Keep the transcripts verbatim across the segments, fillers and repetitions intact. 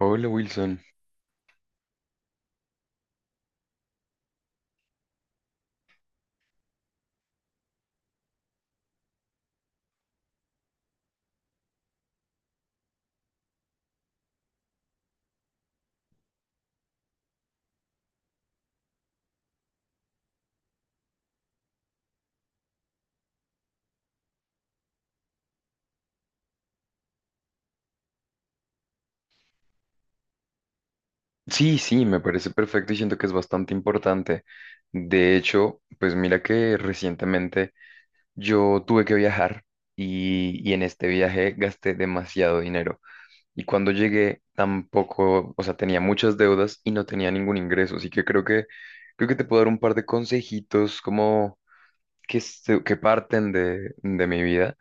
Hola Wilson. Sí, sí, me parece perfecto y siento que es bastante importante. De hecho, pues mira que recientemente yo tuve que viajar y, y en este viaje gasté demasiado dinero. Y cuando llegué tampoco, o sea, tenía muchas deudas y no tenía ningún ingreso. Así que creo que creo que te puedo dar un par de consejitos como que, se- que parten de, de mi vida,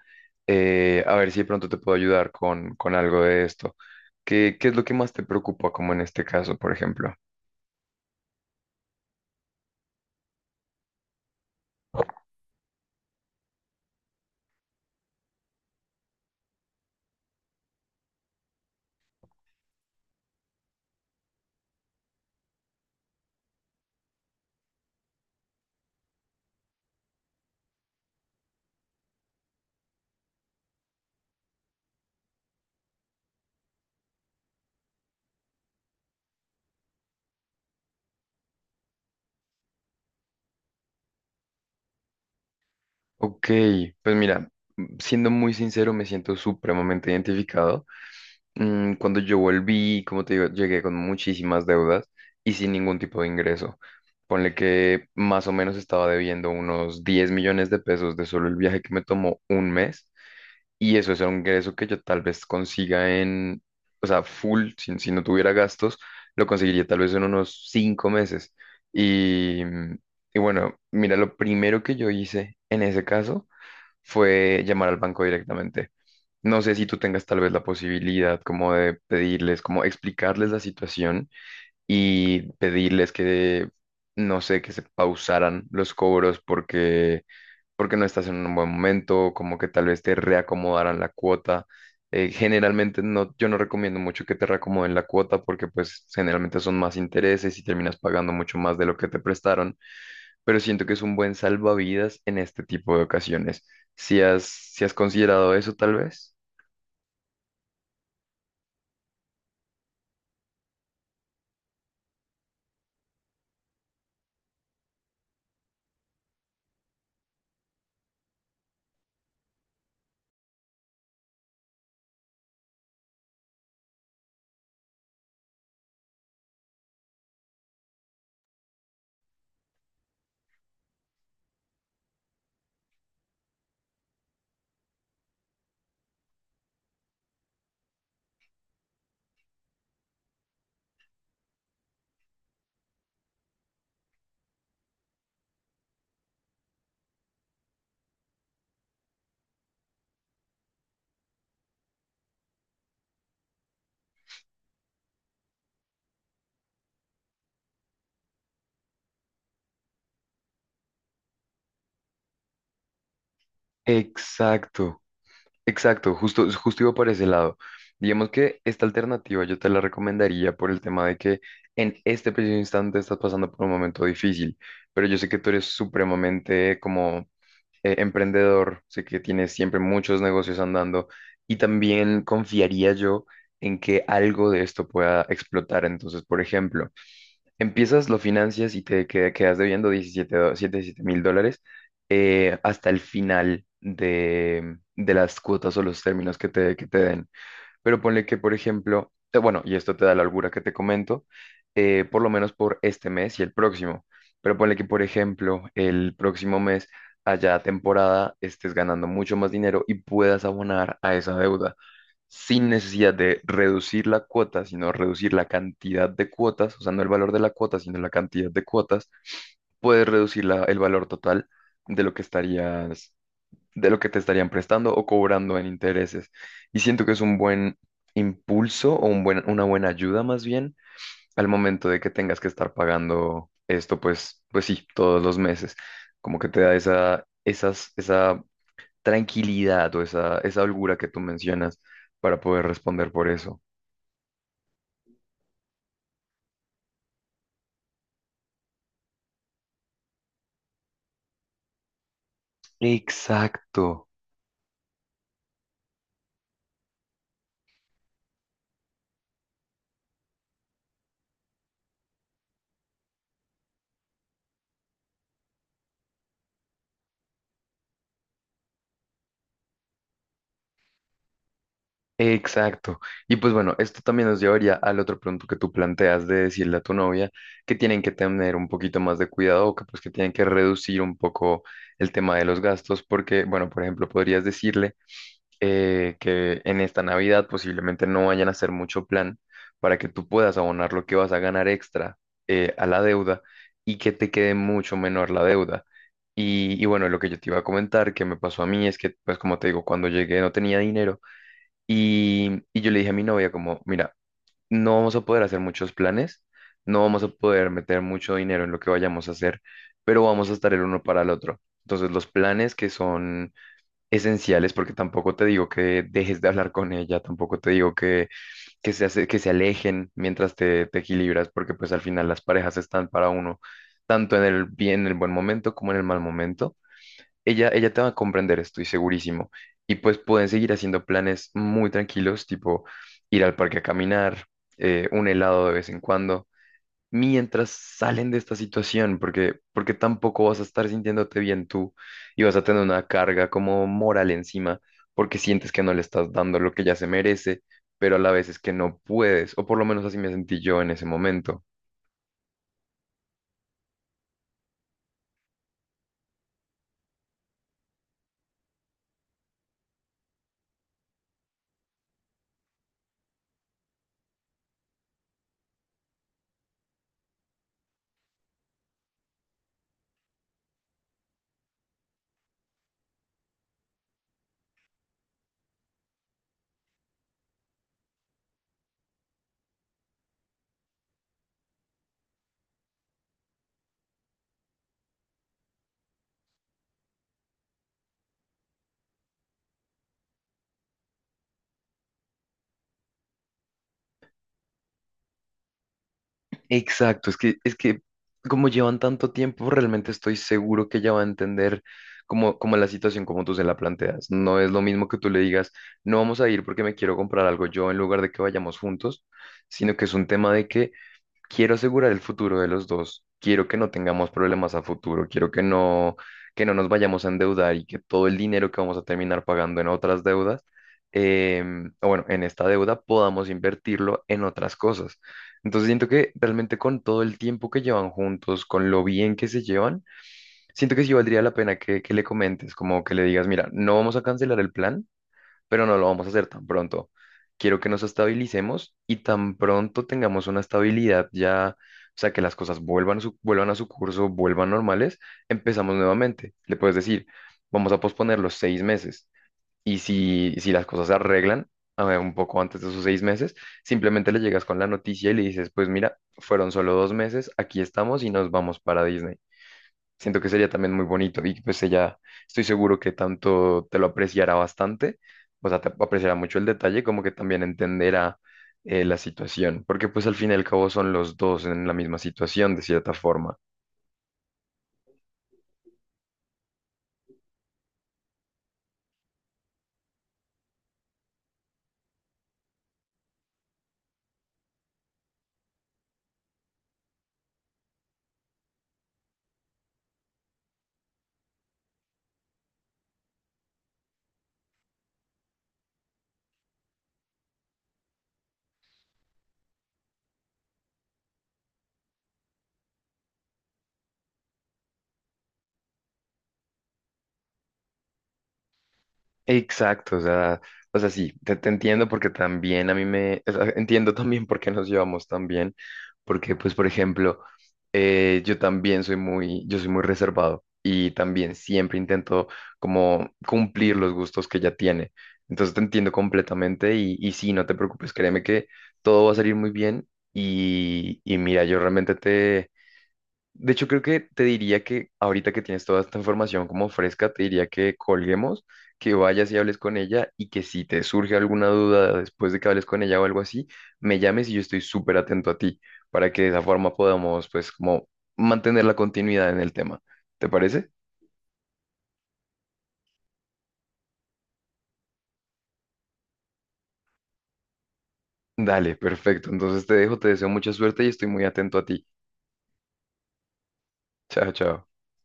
eh, a ver si de pronto te puedo ayudar con, con algo de esto. ¿Qué, qué es lo que más te preocupa, como en este caso, por ejemplo? Ok, pues mira, mm, siendo muy sincero, me siento supremamente identificado. Mm, cuando yo volví, como te digo, llegué con muchísimas deudas y sin ningún tipo de ingreso. Ponle que más o menos estaba debiendo unos diez millones de pesos de solo el viaje que me tomó un mes. Y eso es un ingreso que yo tal vez consiga en, o sea, full, si, si no tuviera gastos, lo conseguiría tal vez en unos cinco meses. Y, mm, y bueno, mira, lo primero que yo hice en ese caso fue llamar al banco directamente. No sé si tú tengas tal vez la posibilidad como de pedirles, como explicarles la situación y pedirles que, no sé, que se pausaran los cobros porque porque no estás en un buen momento, como que tal vez te reacomodarán la cuota. Eh, generalmente no, yo no recomiendo mucho que te reacomoden la cuota porque pues generalmente son más intereses y terminas pagando mucho más de lo que te prestaron, pero siento que es un buen salvavidas en este tipo de ocasiones. Si has, si has considerado eso tal vez. Exacto. Exacto, justo, justo iba por ese lado. Digamos que esta alternativa yo te la recomendaría por el tema de que en este preciso instante estás pasando por un momento difícil, pero yo sé que tú eres supremamente como, eh, emprendedor, sé que tienes siempre muchos negocios andando y también confiaría yo en que algo de esto pueda explotar. Entonces, por ejemplo, empiezas, lo financias y te queda- quedas debiendo diecisiete do- siete 7 mil dólares, eh, hasta el final de, de las cuotas o los términos que te, que te den. Pero ponle que, por ejemplo, te- bueno, y esto te da la holgura que te comento, eh, por lo menos por este mes y el próximo. Pero ponle que, por ejemplo, el próximo mes, allá temporada, estés ganando mucho más dinero y puedas abonar a esa deuda sin necesidad de reducir la cuota, sino reducir la cantidad de cuotas, o sea, no el valor de la cuota, sino la cantidad de cuotas, puedes reducir la- el valor total de lo que estarías, de lo que te estarían prestando o cobrando en intereses. Y siento que es un buen impulso o un buen, una buena ayuda más bien al momento de que tengas que estar pagando esto, pues, pues sí, todos los meses. Como que te da esa, esas, esa tranquilidad o esa, esa holgura que tú mencionas para poder responder por eso. Exacto, exacto. Y pues bueno, esto también nos llevaría al otro punto que tú planteas de decirle a tu novia que tienen que tener un poquito más de cuidado o que pues que tienen que reducir un poco el tema de los gastos porque, bueno, por ejemplo, podrías decirle, eh, que en esta Navidad posiblemente no vayan a hacer mucho plan para que tú puedas abonar lo que vas a ganar extra, eh, a la deuda y que te quede mucho menor la deuda. Y, y bueno, lo que yo te iba a comentar que me pasó a mí es que, pues como te digo, cuando llegué no tenía dinero y, y yo le dije a mi novia como, mira, no vamos a poder hacer muchos planes, no vamos a poder meter mucho dinero en lo que vayamos a hacer, pero vamos a estar el uno para el otro. Entonces, los planes que son esenciales, porque tampoco te digo que dejes de hablar con ella, tampoco te digo que, que se, hace- que se alejen mientras te, te equilibras, porque pues al final las parejas están para uno, tanto en el bien, en el buen momento como en el mal momento. Ella, ella te va a comprender, estoy segurísimo. Y pues pueden seguir haciendo planes muy tranquilos, tipo ir al parque a caminar, eh, un helado de vez en cuando mientras salen de esta situación, porque, porque tampoco vas a estar sintiéndote bien tú y vas a tener una carga como moral encima, porque sientes que no le estás dando lo que ya se merece, pero a la vez es que no puedes, o por lo menos así me sentí yo en ese momento. Exacto, es que, es que como llevan tanto tiempo, realmente estoy seguro que ella va a entender. Como, como la situación como tú se la planteas. No es lo mismo que tú le digas, no vamos a ir porque me quiero comprar algo yo en lugar de que vayamos juntos, sino que es un tema de que quiero asegurar el futuro de los dos, quiero que no tengamos problemas a futuro, quiero que no, que no nos vayamos a endeudar y que todo el dinero que vamos a terminar pagando en otras deudas, em, o bueno, en esta deuda podamos invertirlo en otras cosas. Entonces siento que realmente con todo el tiempo que llevan juntos, con lo bien que se llevan, siento que sí valdría la pena que, que le comentes, como que le digas, mira, no vamos a cancelar el plan pero no lo vamos a hacer tan pronto. Quiero que nos estabilicemos y tan pronto tengamos una estabilidad ya, o sea, que las cosas vuelvan, su- vuelvan a su curso, vuelvan normales, empezamos nuevamente. Le puedes decir, vamos a posponer los seis meses y si, si las cosas se arreglan, a ver, un poco antes de esos seis meses, simplemente le llegas con la noticia y le dices, pues mira, fueron solo dos meses, aquí estamos y nos vamos para Disney. Siento que sería también muy bonito y pues ella, estoy seguro que tanto te lo apreciará bastante, o sea, te apreciará mucho el detalle, como que también entenderá, eh, la situación, porque pues al fin y al cabo son los dos en la misma situación de cierta forma. Exacto, o sea, o sea, sí, te, te entiendo porque también a mí me, o sea, entiendo también por qué nos llevamos tan bien, porque pues, por ejemplo, eh, yo también soy muy, yo soy muy reservado y también siempre intento como cumplir los gustos que ella tiene. Entonces te entiendo completamente y, y sí, no te preocupes, créeme que todo va a salir muy bien y, y mira, yo realmente te... De hecho, creo que te diría que ahorita que tienes toda esta información como fresca, te diría que colguemos, que vayas y hables con ella y que si te surge alguna duda después de que hables con ella o algo así, me llames y yo estoy súper atento a ti para que de esa forma podamos pues como mantener la continuidad en el tema. ¿Te parece? Dale, perfecto. Entonces te dejo, te deseo mucha suerte y estoy muy atento a ti. Chao, chao.